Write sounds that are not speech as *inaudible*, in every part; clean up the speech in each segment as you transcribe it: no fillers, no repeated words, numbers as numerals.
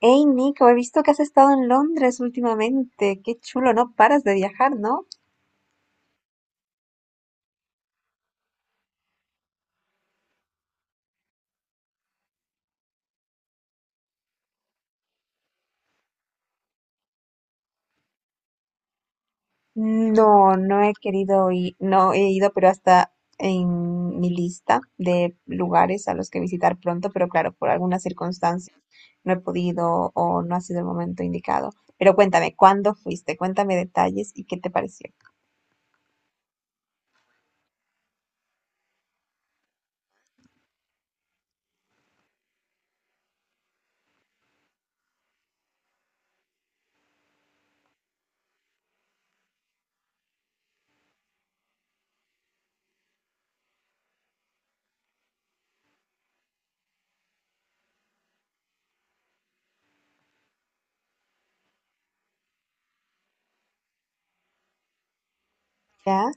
Hey Nico, he visto que has estado en Londres últimamente. Qué chulo, no paras de viajar, ¿no? No, no he querido ir, no he ido, pero hasta en mi lista de lugares a los que visitar pronto, pero claro, por algunas circunstancias no he podido o no ha sido el momento indicado. Pero cuéntame, ¿cuándo fuiste? Cuéntame detalles y qué te pareció. ¿Ya?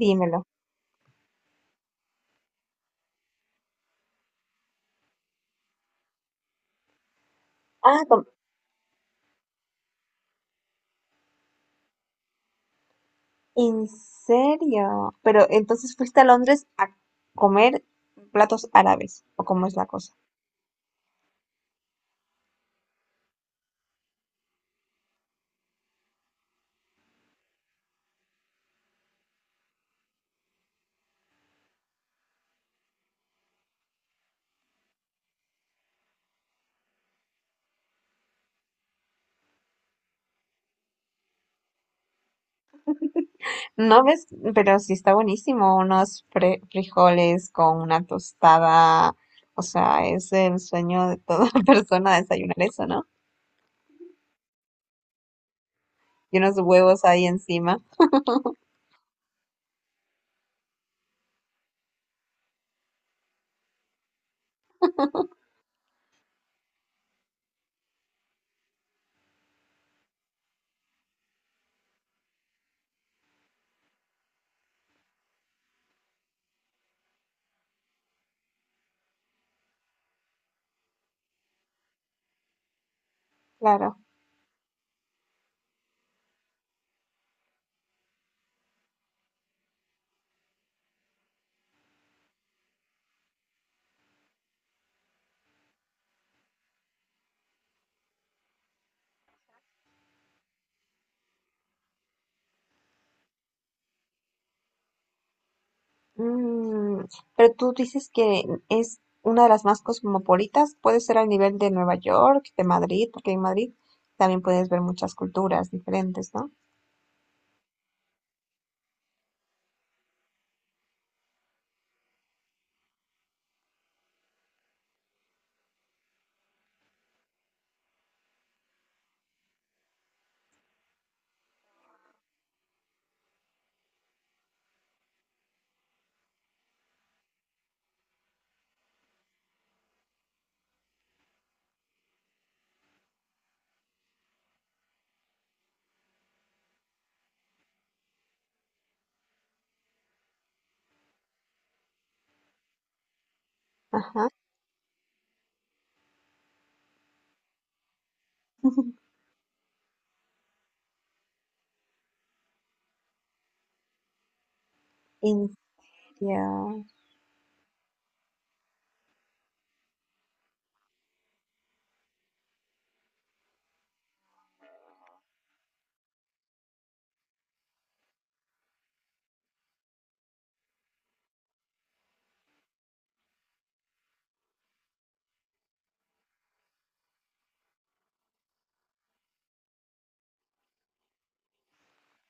Dímelo. Ah, com- ¿en serio? Pero entonces fuiste a Londres a comer platos árabes, ¿o cómo es la cosa? No ves, pero sí está buenísimo, unos frijoles con una tostada, o sea, es el sueño de toda *laughs* persona desayunar eso, ¿no? Y unos huevos ahí encima, claro. Mm, pero tú dices que es una de las más cosmopolitas, puede ser al nivel de Nueva York, de Madrid, porque en Madrid también puedes ver muchas culturas diferentes, ¿no? Ajá. *laughs* India.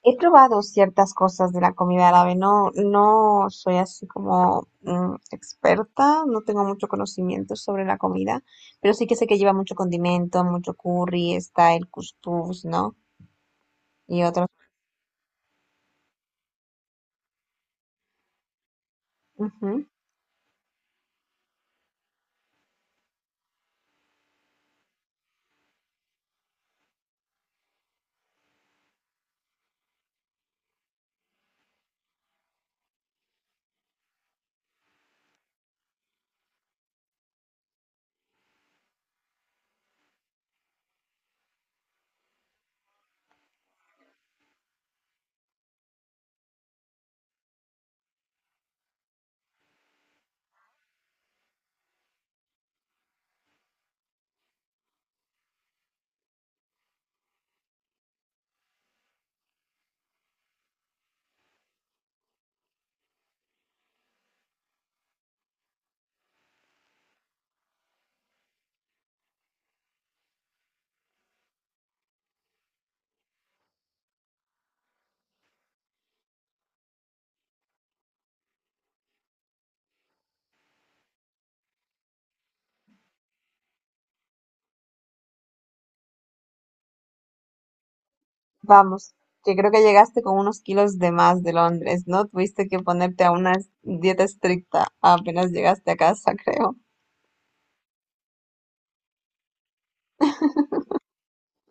He probado ciertas cosas de la comida árabe, no, no soy así como mm, experta, no tengo mucho conocimiento sobre la comida, pero sí que sé que lleva mucho condimento, mucho curry, está el cuscús, ¿no? Y otros. Ujú. Vamos, que creo que llegaste con unos kilos de más de Londres, ¿no? Tuviste que ponerte a una dieta estricta apenas llegaste a casa, creo.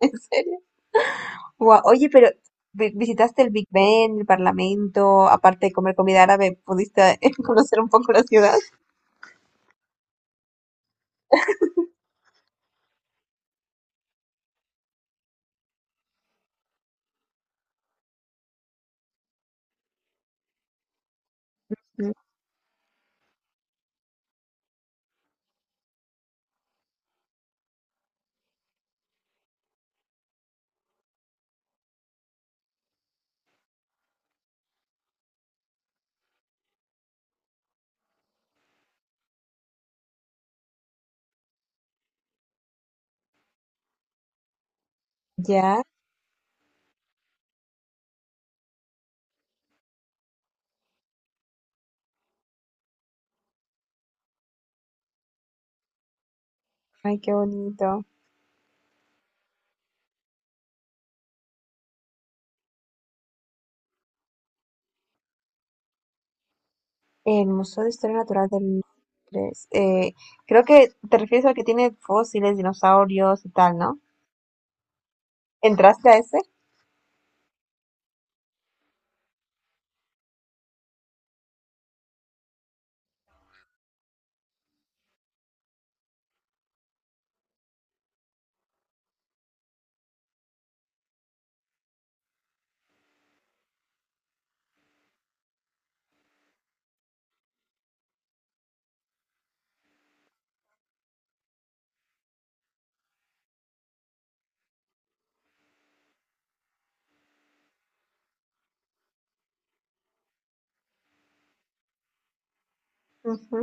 *laughs* ¿En serio? Guau, oye, pero visitaste el Big Ben, el Parlamento, aparte de comer comida árabe, ¿pudiste *laughs* conocer un poco la ciudad? Mm. Ya, ay, qué bonito. El Museo de Historia Natural de Londres. Creo que te refieres al que tiene fósiles, dinosaurios y tal, ¿no? ¿Entraste a ese? Ujú,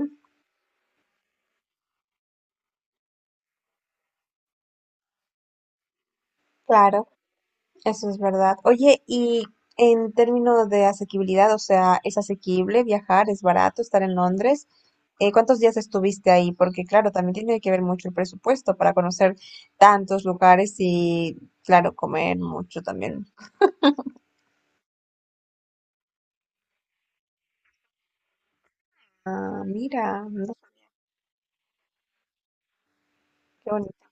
claro. Eso es verdad. Oye, y en términos de asequibilidad, o sea, ¿es asequible viajar? ¿Es barato estar en Londres? ¿Cuántos días estuviste ahí? Porque claro, también tiene que ver mucho el presupuesto para conocer tantos lugares y, claro, comer mucho también. Ah, mira, no, qué bonito.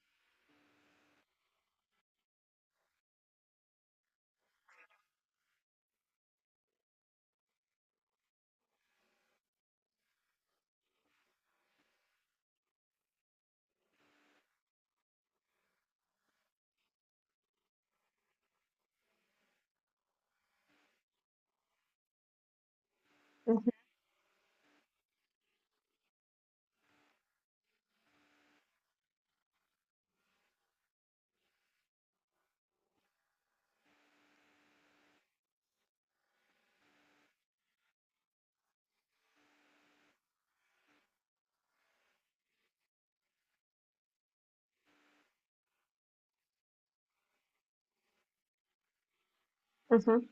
Ujú, ujú.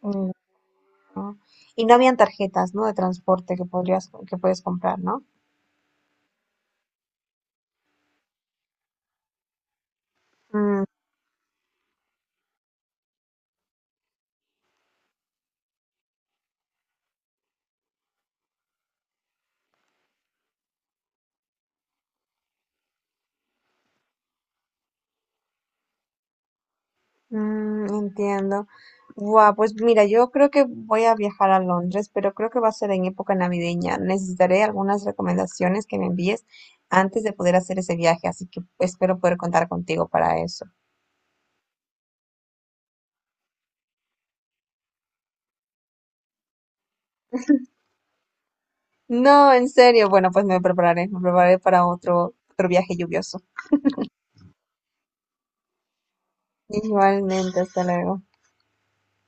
Mm, no. Y no habían tarjetas, ¿no? De transporte que podrías, que puedes comprar, ¿no? Mm. Mm, entiendo. Guau, pues mira, yo creo que voy a viajar a Londres, pero creo que va a ser en época navideña. Necesitaré algunas recomendaciones que me envíes antes de poder hacer ese viaje, así que espero poder contar contigo para eso. No, en serio. Bueno, pues me prepararé para otro, otro viaje lluvioso. Igualmente, hasta luego.